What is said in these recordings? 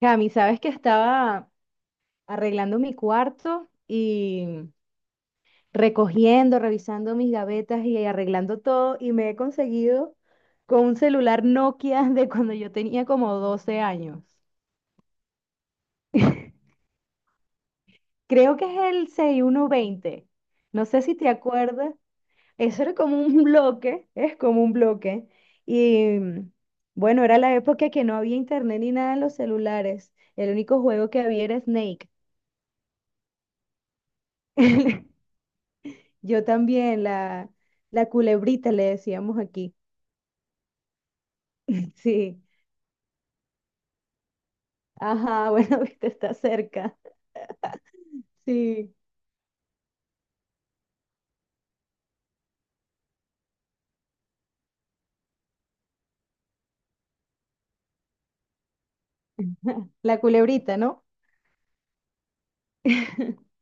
Cami, sabes que estaba arreglando mi cuarto y recogiendo, revisando mis gavetas y arreglando todo y me he conseguido con un celular Nokia de cuando yo tenía como 12 años. Creo que es el 6120. No sé si te acuerdas. Eso era como un bloque, es como un bloque. Y bueno, era la época que no había internet ni nada en los celulares. El único juego que había era Snake. Yo también, la culebrita le decíamos aquí. Sí. Ajá, bueno, viste, está cerca. Sí, la culebrita, ¿no?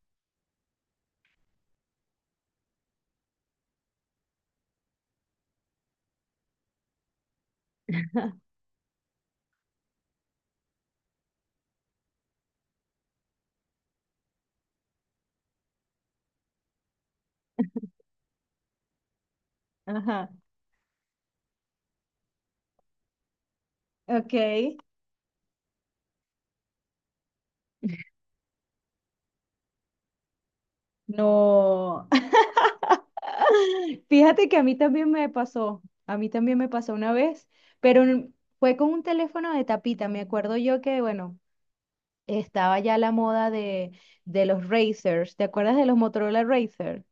Ajá. Ok. No. Fíjate que a mí también me pasó, a mí también me pasó una vez, pero fue con un teléfono de tapita. Me acuerdo yo que, bueno, estaba ya la moda de los Razers. ¿Te acuerdas de los Motorola Razer?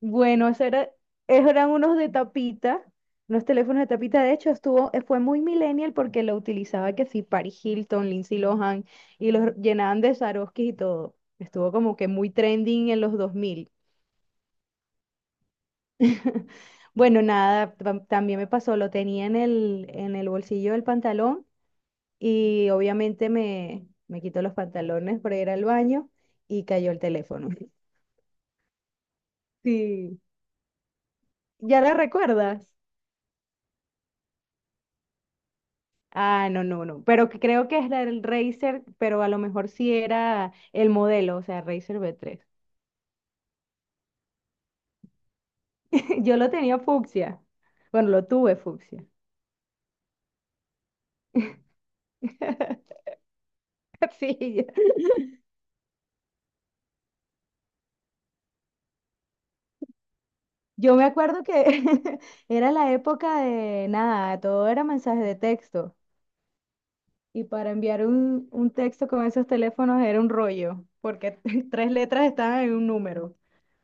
Bueno, eso era, esos eran unos de tapita, unos teléfonos de tapita. De hecho, fue muy millennial porque lo utilizaba que sí, Paris Hilton, Lindsay Lohan, y los llenaban de Swarovski y todo. Estuvo como que muy trending en los 2000. Bueno, nada, también me pasó, lo tenía en el bolsillo del pantalón y obviamente me quito los pantalones para ir al baño y cayó el teléfono. Sí. ¿Ya la recuerdas? Ah, no, no, no. Pero que creo que es el del Razer, pero a lo mejor sí era el modelo, o sea, Razer V3. Yo lo tenía fucsia. Bueno, lo tuve fucsia. Sí, yo me acuerdo que era la época de nada, todo era mensaje de texto. Y para enviar un texto con esos teléfonos era un rollo, porque tres letras estaban en un número.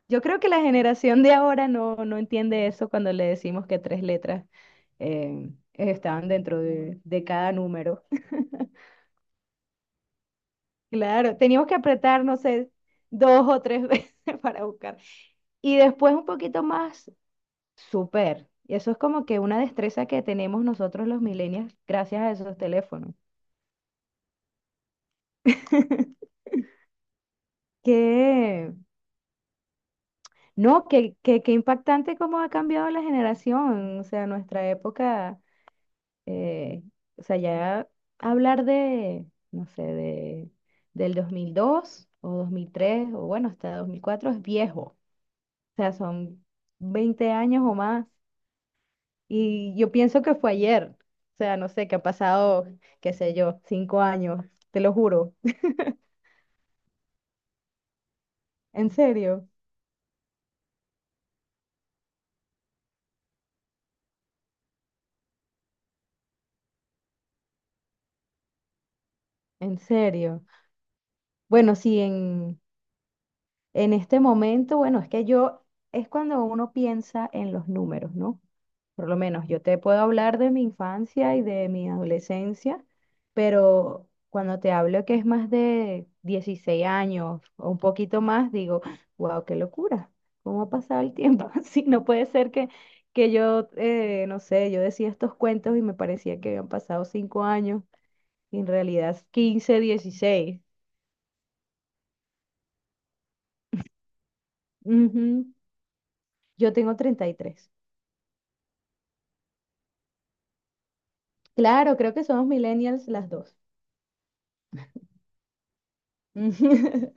Yo creo que la generación de ahora no entiende eso cuando le decimos que tres letras estaban dentro de cada número. Claro, teníamos que apretar, no sé, dos o tres veces para buscar. Y después un poquito más, súper. Y eso es como que una destreza que tenemos nosotros los millennials gracias a esos teléfonos. Que, no, que impactante cómo ha cambiado la generación. O sea, nuestra época eh, o sea, ya hablar de, no sé, del 2002 o 2003 o bueno, hasta 2004 es viejo. O sea, son 20 años o más. Y yo pienso que fue ayer. O sea, no sé, que ha pasado, qué sé yo, 5 años, te lo juro. En serio. En serio. Bueno, sí, en este momento, bueno, es cuando uno piensa en los números, ¿no? Por lo menos yo te puedo hablar de mi infancia y de mi adolescencia, pero cuando te hablo que es más de 16 años o un poquito más, digo, wow, qué locura, ¿cómo ha pasado el tiempo? Así no puede ser que, no sé, yo decía estos cuentos y me parecía que habían pasado 5 años, y en realidad 15, 16. Ujú. Yo tengo 33. Claro, creo que somos millennials las dos.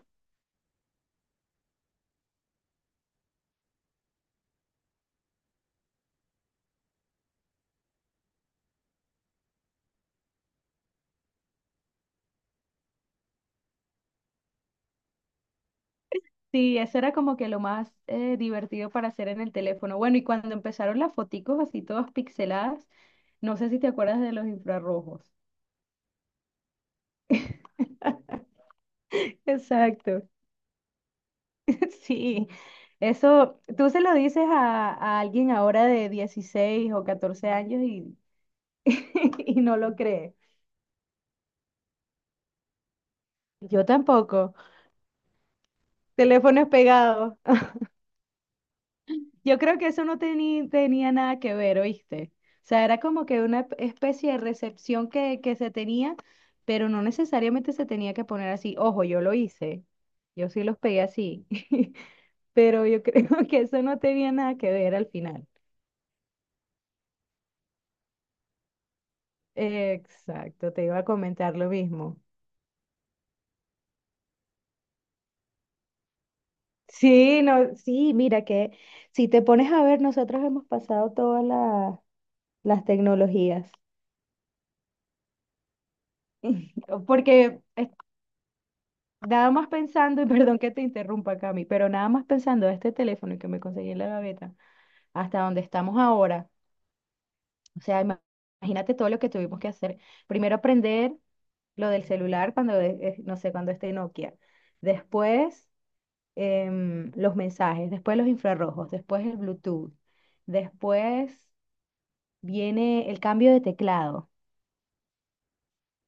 Sí, eso era como que lo más divertido para hacer en el teléfono. Bueno, y cuando empezaron las foticos así todas pixeladas, no sé si te acuerdas de los infrarrojos. Exacto. Sí, eso, tú se lo dices a alguien ahora de 16 o 14 años y, y no lo cree. Yo tampoco. Teléfonos pegados. Yo creo que eso no tenía nada que ver, ¿oíste? O sea, era como que una especie de recepción que se tenía, pero no necesariamente se tenía que poner así. Ojo, yo lo hice. Yo sí los pegué así. Pero yo creo que eso no tenía nada que ver al final. Exacto, te iba a comentar lo mismo. Sí, no, sí, mira que si te pones a ver, nosotros hemos pasado todas las tecnologías. Porque. Nada más pensando, y perdón que te interrumpa, Cami, pero nada más pensando de este teléfono que me conseguí en la gaveta, hasta donde estamos ahora. O sea, imagínate todo lo que tuvimos que hacer. Primero aprender lo del celular cuando, no sé, cuando esté Nokia. Después los mensajes, después los infrarrojos, después el Bluetooth. Después viene el cambio de teclado,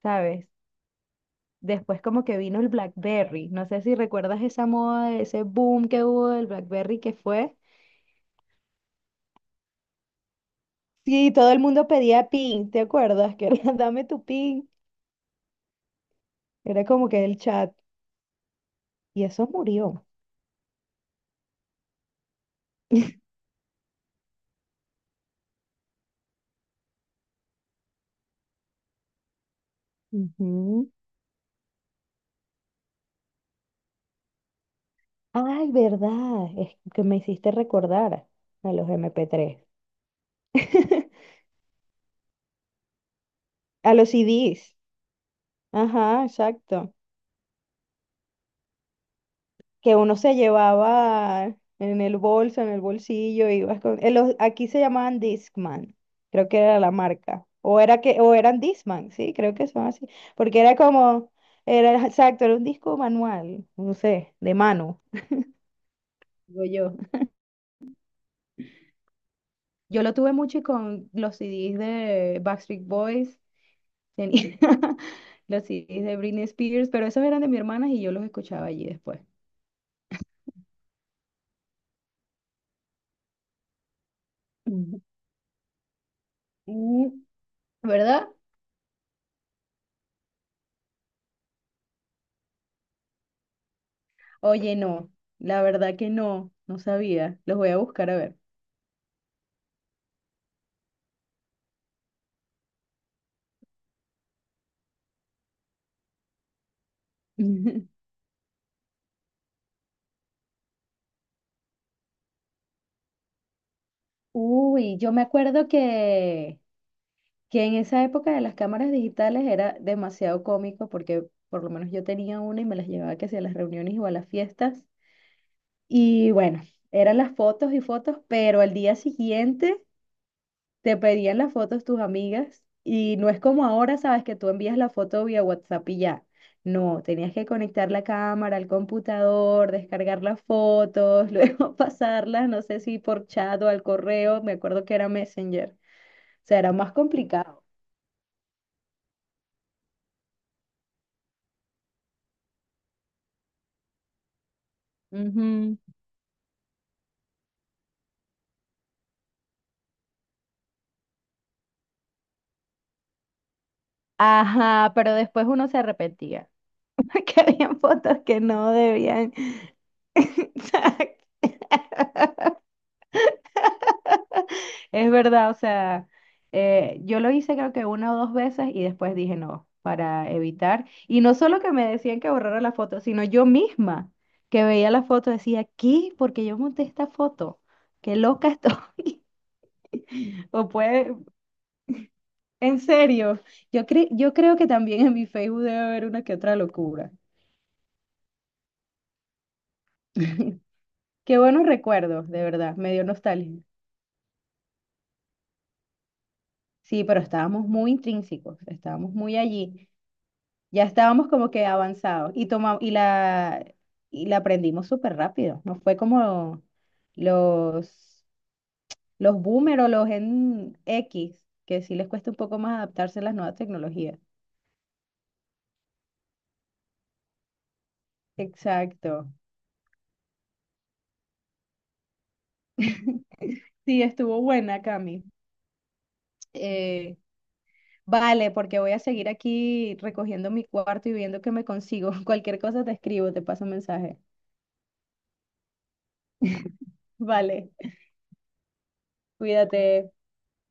¿sabes? Después como que vino el BlackBerry. No sé si recuerdas esa moda, ese boom que hubo del BlackBerry que fue. Sí, todo el mundo pedía pin, ¿te acuerdas? Que era, dame tu pin. Era como que el chat. Y eso murió. Ujú. Ay, verdad. Es que me hiciste recordar a los MP3. A los CDs. Ajá, exacto. Que uno se llevaba en el bolso, en el bolsillo, ibas con, aquí se llamaban Discman, creo que era la marca, o eran Discman, sí, creo que son así, porque era como, era exacto, era un disco manual, no sé, de mano, digo yo. Yo lo tuve mucho y con los CDs de Backstreet Boys, tenía los CDs de Britney Spears, pero esos eran de mi hermana y yo los escuchaba allí después. Ujú. Mm, ¿verdad? Oye, no, la verdad que no, no sabía. Los voy a buscar a ver. Uy, yo me acuerdo que en esa época de las cámaras digitales era demasiado cómico porque por lo menos yo tenía una y me las llevaba que sea a las reuniones o a las fiestas. Y bueno, eran las fotos y fotos, pero al día siguiente te pedían las fotos tus amigas y no es como ahora, sabes, que tú envías la foto vía WhatsApp y ya. No, tenías que conectar la cámara al computador, descargar las fotos, luego pasarlas, no sé si por chat o al correo, me acuerdo que era Messenger. O sea, era más complicado. Ujú. Ajá, pero después uno se arrepentía, que habían fotos que no debían. Exacto. Es verdad, o sea, yo lo hice creo que una o dos veces y después dije no, para evitar. Y no solo que me decían que borrara la foto, sino yo misma que veía la foto decía, ¿qué? Porque yo monté esta foto. Qué loca estoy. O puede, en serio, yo creo que también en mi Facebook debe haber una que otra locura. Qué buenos recuerdos, de verdad, me dio nostalgia. Sí, pero estábamos muy intrínsecos, estábamos muy allí. Ya estábamos como que avanzados y la aprendimos súper rápido. No fue como los los boomer o los en X, que sí les cuesta un poco más adaptarse a las nuevas tecnologías. Exacto. Sí, estuvo buena, Cami. Eh, vale, porque voy a seguir aquí recogiendo mi cuarto y viendo qué me consigo. Cualquier cosa te escribo, te paso un mensaje. Vale, cuídate.